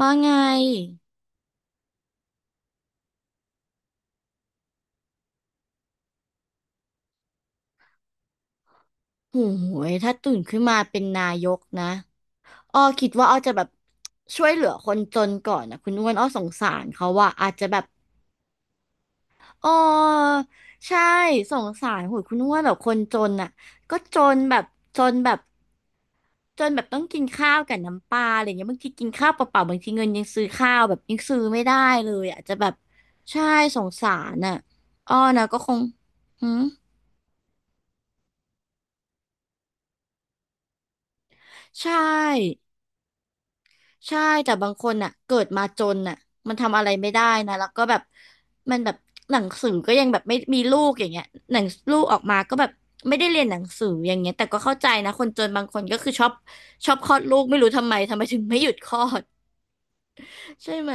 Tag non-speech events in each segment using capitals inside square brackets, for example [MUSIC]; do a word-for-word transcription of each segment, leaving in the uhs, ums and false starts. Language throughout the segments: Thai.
ว่าไงโอ้โหยถ้าตื่นขึ้นมาเป็นนายกนะอ้อคิดว่าอ้อจะแบบช่วยเหลือคนจนก่อนนะคุณอ้วนอ้อสงสารเขาว่าอาจจะแบบอ้อใช่สงสารโหยคุณอ้วนแบบคนจนน่ะก็จนแบบจนแบบจนแบบต้องกินข้าวกับน้ำปลาอะไรเงี้ยบางทีกินข้าวเปล่าๆบางทีเงินยังซื้อข้าวแบบยังซื้อไม่ได้เลยอะอาจจะแบบใช่สงสารน่ะอ้อนะก็คงหืมใช่ ใช่แต่บางคนอ่ะเกิดมาจนอ่ะมันทำอะไรไม่ได้นะแล้วก็แบบมันแบบหนังสือก็ยังแบบไม่มีลูกอย่างเงี้ยหนังลูกออกมาก็แบบไม่ได้เรียนหนังสืออย่างเงี้ยแต่ก็เข้าใจนะคนจนบางคนก็คือชอบชอบคลอดลูกไม่รู้ทำไมทำไมถึงไม่หยุดคลอดใช่ไหม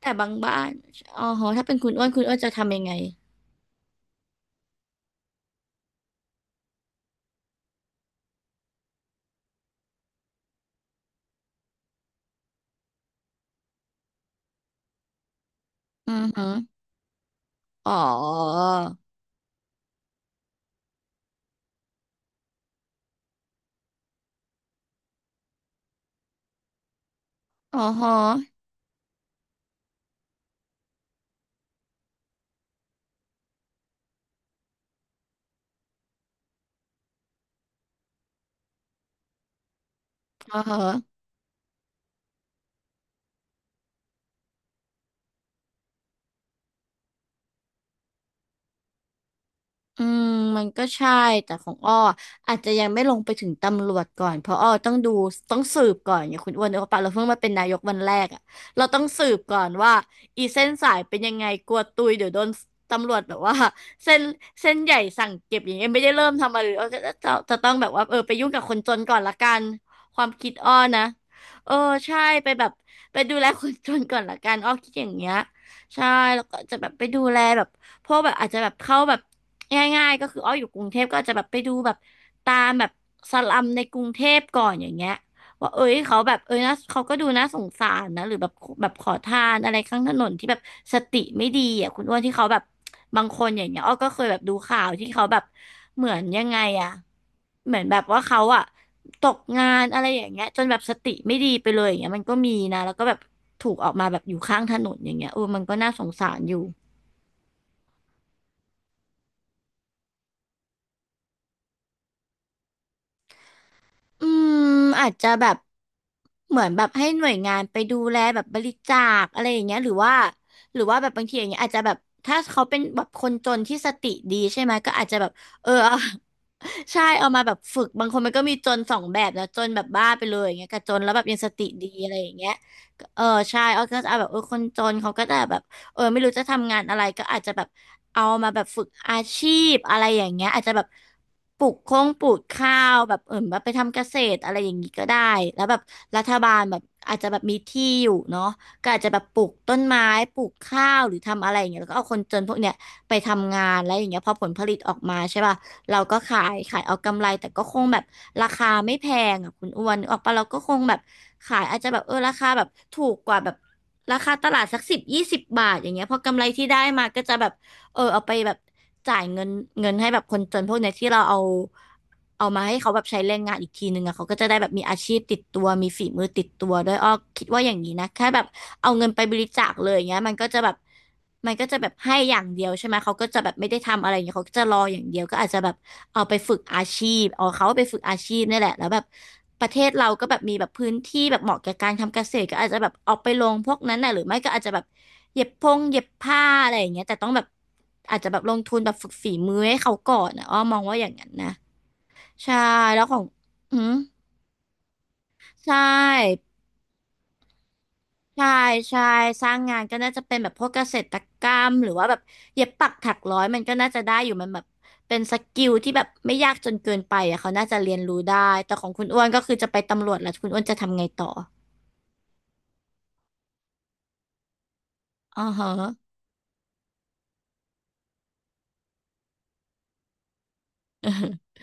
แต่บางบ้านอ๋อฮะถ้าเป็นคุณอ้วนคุณอ้วนจะทำยังไงอือฮึอ๋ออ๋อฮะอ๋อฮะ อืมมันก็ใช่แต่ของอ้ออาจจะยังไม่ลงไปถึงตำรวจก่อนเพราะอ้อต้องดูต้องสืบก่อนอย่างคุณอ้วนเนอะปะเราเพิ่งมาเป็นนายกวันแรกอ่ะเราต้องสืบก่อนว่าอีเส้นสายเป็นยังไงกลัวตุยเดี๋ยวโดนตำรวจแบบว่าเส้นเส้นใหญ่สั่งเก็บอย่างเงี้ยไม่ได้เริ่มทำอะไรเลยอ้อก็จะจะจะต้องแบบว่าเออไปยุ่งกับคนจนก่อนละกันความคิดอ้อนะเออใช่ไปแบบไปดูแลคนจนก่อนละกันอ้อคิดอย่างเงี้ยใช่แล้วก็จะแบบไปดูแลแบบ พวกแบบอาจจะแบบเข้าแบบง่ายๆก็คืออ้ออยู่กรุงเทพก็อาจจะแบบไปดูแบบตามแบบสลัมในกรุงเทพก่อนอย่างเงี้ยว่าเอ้ยเขาแบบเอ้ยนะเขาก็ดูน่าสงสารนะหรือแบบแบบขอทานอะไรข้างถนนที่แบบสติไม่ดีอ่ะคุณอ้วนที่เขาแบบบางคนอย่างเงี้ยอ้อก็เคยแบบดูข่าวที่เขาแบบเหมือนยังไงอ่ะเหมือนแบบว่าเขาอ่ะตกงานอะไรอย่างเงี้ยจนแบบสติไม่ดีไปเลยอย่างเงี้ยมันก็มีนะแล้วก็แบบถูกออกมาแบบอยู่ข้างถนนอย่างเงี้ยเออมันก็น่าสงสารอยู่ อืมอาจจะแบบเหมือนแบบให้หน่วยงานไปดูแลแบบบริจาคอะไรอย่างเงี้ยหรือว่าหรือว่าแบบบางทีอย่างเงี้ยอาจจะแบบถ้าเขาเป็นแบบคนจนที่สติดีใช่ไหมก็อาจจะแบบเออ [LAUGHS] เอาใช่เอามาแบบฝึกบางคนมันก็มีจนสองแบบนะจนแบบบ้าไปเลยอย่างเงี้ยกับจนแล้วแบบยังสติดีอะไรอย่างเงี้ยก็เออใช่เอาก็จะเอาแบบเออคนจนเขาก็จะแบบ เออไม่รู้จะทำงานอะไรก็อาจจะแบบเอามาแบบฝึกอาชีพอะไรอย่างเงี้ยอาจจะแบบปลูกโค้งปลูกข้าวแบบเออแบบไปทำเกษตรอะไรอย่างงี้ก็ได้แล้วแบบรัฐบาลแบบอาจจะแบบมีที่อยู่เนาะก็อาจจะแบบปลูกต้นไม้ปลูกข้าวหรือทำอะไรอย่างเงี้ยแล้วก็เอาคนจนพวกเนี้ยไปทำงานแล้วอย่างเงี้ยพอผลผลิตออกมาใช่ป่ะเราก็ขายขายเอากำไรแต่ก็คงแบบราคาไม่แพงอ่ะคุณอ้วนนึกออกปะเราก็คงแบบขายอาจจะแบบเออราคาแบบถูกกว่าแบบ ราคาตลาดสักสิบยี่สิบบาทอย่างเงี้ยพอกำไรที่ได้มาก็จะแบบ เออเอาไปแบบจ่ายเงินเงินให้แบบคนจนพวกเนี้ยที่เราเอาเอามาให้เขาแบบใช้แรงงานอีกทีนึงอะเขาก็จะได้แบบมีอาชีพติดตัวมีฝีมือติดตัวด้วยอ้อคิดว่าอย่างนี้นะแค่แบบเอาเงินไปบริจาคเลยอย่างเงี้ยมันก็จะแบบมันก็จะแบบให้อย่างเดียวใช่ไหมเขาก็จะแบบไม่ได้ทำอะไรอย่างเงี้ยเขาก็จะรออย่างเดียวก็อาจจะแบบเอาไปฝึกอาชีพเอาเขาไปฝึกอาชีพนี่แหละแล้วแบบประเทศเราก็แบบมีแบบพื้นที่แบบเหมาะแก่การทำเกษตรก็อาจจะแบบเอาไปลงพวกนั้นน่ะหรือไม่ก็อาจจะแบบเย็บพงเย็บผ้าอะไรอย่างเงี้ยแต่ต้องแบบ อาจจะแบบลงทุนแบบฝึกฝีมือให้เขาก่อนนะอ้อมองว่าอย่างนั้นนะใช่แล้วของอืมใช่ใช่ใช่สร้างงานก็น่าจะเป็นแบบพวกเกษตรกรรมหรือว่าแบบเย็บปักถักร้อยมันก็น่าจะได้อยู่มันแบบเป็นสกิลที่แบบไม่ยากจนเกินไปอ่ะเขาน่าจะเรียนรู้ได้แต่ของคุณอ้วนก็คือจะไปตำรวจแล้วคุณอ้วนจะทำไงต่ออ๋อฮะ [LAUGHS]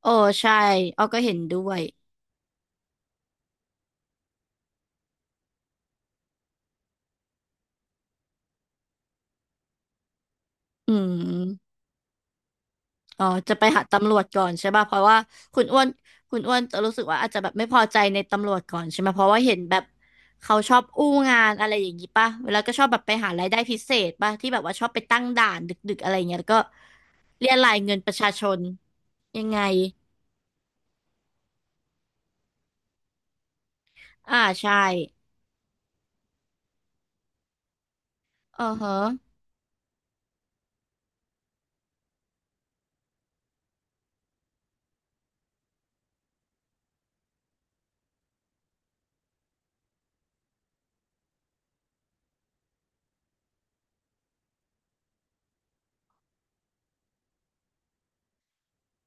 โอ้ใช่อ้อก็เห็นด้วยอืม อ๋อจะไปหาตำรวจก่อนใช่ป่ะเพราะว่าคุณอ้วนคุณอ้วนจะรู้สึกว่าอาจจะแบบไม่พอใจในตำรวจก่อนใช่ไหมเพราะว่าเห็นแบบเขาชอบอู้งานอะไรอย่างนี้ป่ะแล้วก็ชอบแบบไปหารายได้พิเศษป่ะที่แบบว่าชอบไปตั้งด่านดึกๆอะไรเงี้ยแล้วก็เรียรายเงินประชาชนยังไงอ่าใช่เออฮะ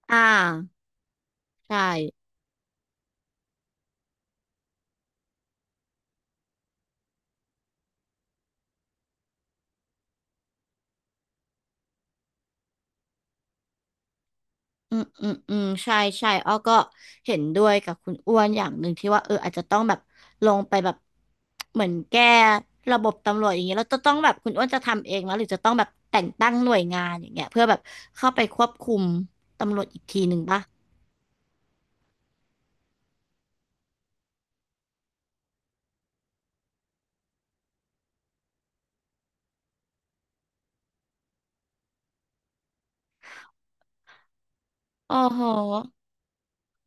อ่าใช่ อืมอืมอืมใช่ใช่อ้อก็เห็นด้วยกับคุณอ้วนอย่างหนึ่งที่ว่าเอออาจจะต้องแบบลงไปแบบเหมือนแก้ระบบตำรวจอย่างเงี้ยแล้วจะต้องแบบคุณอ้วนจะทำเองไหมหรือจะต้องแบบแต่งตั้งหน่วยงานอย่างเงี้ยเพื่อแบบเข้าไปควบคุมตำรวจอีกทีหนึ่งป่ะอ๋อโห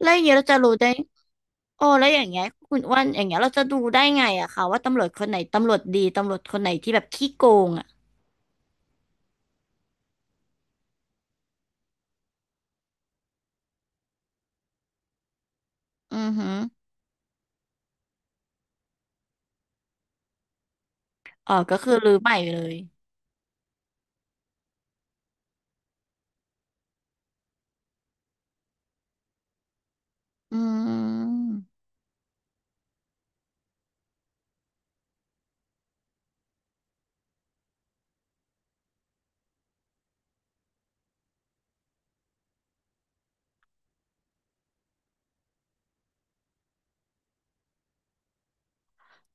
แล้วอย่างเงี้ยเราจะรู้ได้โอ้แล้วอย่างเงี้ยคุณอ้วนอย่างเงี้ยเราจะดูได้ไงอะคะว่าตำรวจคนไหนตำรวจดีตำรวจคนไหนที่แบบขี้โกงอะอือหืออ๋อก็คือรื้อใหม่เลยอืม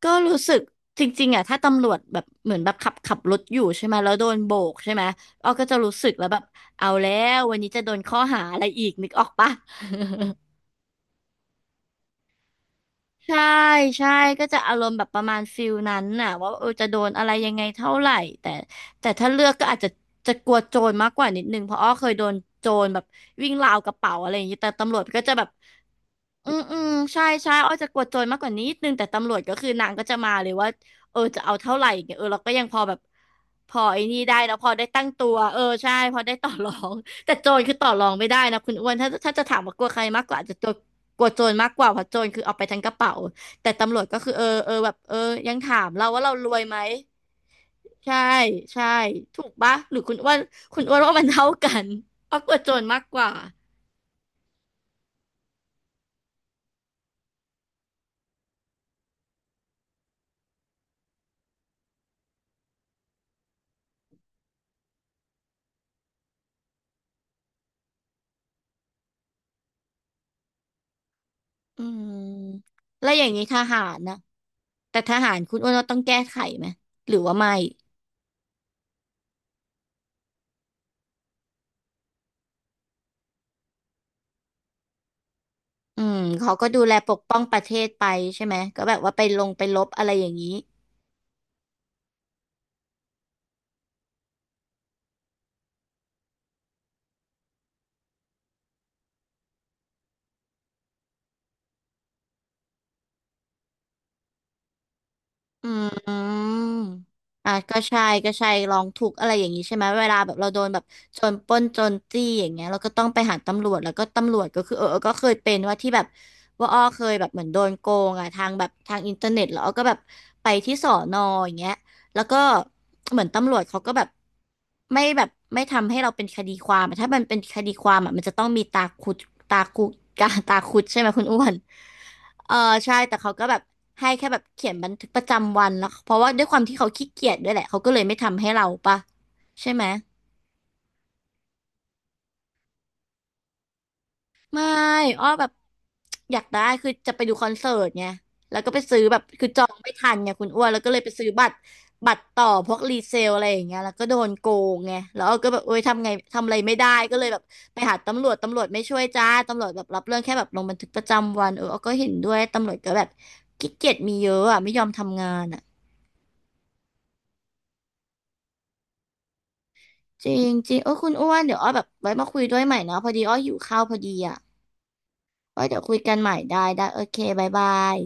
ก็รู้สึกจริงๆอ่ะถ้าตำรวจแบบเหมือนแบบขับขับรถอยู่ใช่ไหมแล้วโดนโบกใช่ไหมอ้อก็จะรู้สึกแล้วแบบเอาแล้ววันนี้จะโดนข้อหาอะไรอีกนึกออกปะใช่ใช่ก็จะอารมณ์แบบประมาณฟิลนั้นน่ะว่าเออจะโดนอะไรยังไงเท่าไหร่แต่แต่ถ้าเลือกก็อาจจะจะกลัวโจรมากกว่านิดนึงเพราะอ้อเคยโดนโจรแบบวิ่งราวกระเป๋าอะไรอย่างนี้แต่ตำรวจก็จะแบบ อืมอืมใช่ใช่อ้อยจะกดโจรมากกว่านี้นิดนึงแต่ตำรวจก็คือนางก็จะมาเลยว่าเออจะเอาเท่าไหร่อย่างเงี้ยเออเราก็ยังพอแบบพอไอ้นี่ได้นะพอได้ตั้งตัวเออใช่พอได้ต่อรองแต่โจรคือต่อรองไม่ได้นะคุณอ้วนถ้าถ้าจะถามว่ากลัวใครมากกว่าอาจจะโจรกลัวโจรมากกว่าเพราะโจรคือเอาไปทั้งกระเป๋าแต่ตำรวจก็คือเออเออแบบเออยังถามเราว่าเรารวยไหมใช่ใช่ถูกปะหรือคุณอ้วนคุณอ้วนว่ามันเท่ากันอ้อยกลัวโจรมากกว่าอืมแล้วอย่างนี้ทหารนะ แต่ทหารคุณอ้วนว่าต้องแก้ไขไหมหรือว่าไม่อืมเขาก็ดูแลปกป้องประเทศไปใช่ไหมก็แบบว่าไปลงไปลบอะไรอย่างนี้ อืมอ่ะก็ใช่ก็ใช่ลองทุกข์อะไรอย่างนี้ใช่ไหมเวลาแบบเราโดนแบบโจรปล้นโจรจี้อย่างเงี้ยเราก็ต้องไปหาตำรวจแล้วก็ตำรวจก็คือเออเออก็เคยเป็นว่าที่แบบว่าอ้อเคยแบบเหมือนโดนโกงอ่ะทางแบบทางอินเทอร์เน็ตแล้วอ้อก็แบบไปที่สอนออย่างเงี้ยแล้วก็เหมือนตำรวจเขาก็แบบไม่แบบไม่ทำให้เราเป็นคดีความอะถ้ามันเป็นคดีความอ่ะมันจะต้องมีตาคุดตาคุกาตาคุดใช่ไหมคุณอ้วน เออใช่แต่เขาก็แบบให้แค่แบบเขียนบันทึกประจำวันแล้วเพราะว่าด้วยความที่เขาขี้เกียจด้วยแหละเขาก็เลยไม่ทำให้เราปะใช่ไหมไม่อ้อแบบอยากได้คือจะไปดูคอนเสิร์ตไงแล้วก็ไปซื้อแบบคือจองไม่ทันไงคุณอ้วนแล้วก็เลยไปซื้อบัตรบัตรต่อพวกรีเซลอะไรอย่างเงี้ยแล้วก็โดนโกงไงแล้วอ้อก็แบบโอ๊ยทำไงทำอะไรไม่ได้ก็เลยแบบไปหาตำรวจตำรวจไม่ช่วยจ้าตำรวจแบบรับเรื่องแค่แบบลงบันทึกประจำวันเอออ้อก็เห็นด้วยตำรวจก็แบบขี้เกียจมีเยอะอ่ะไม่ยอมทำงานอ่ะ จริงจริงเออคุณอ้วนเดี๋ยวอ้อแบบไว้มาคุยด้วยใหม่เนาะพอดีอ้อหิวข้าวพอดีอ่ะไว้เดี๋ยวคุยกันใหม่ได้ได้โอเคบ๊ายบาย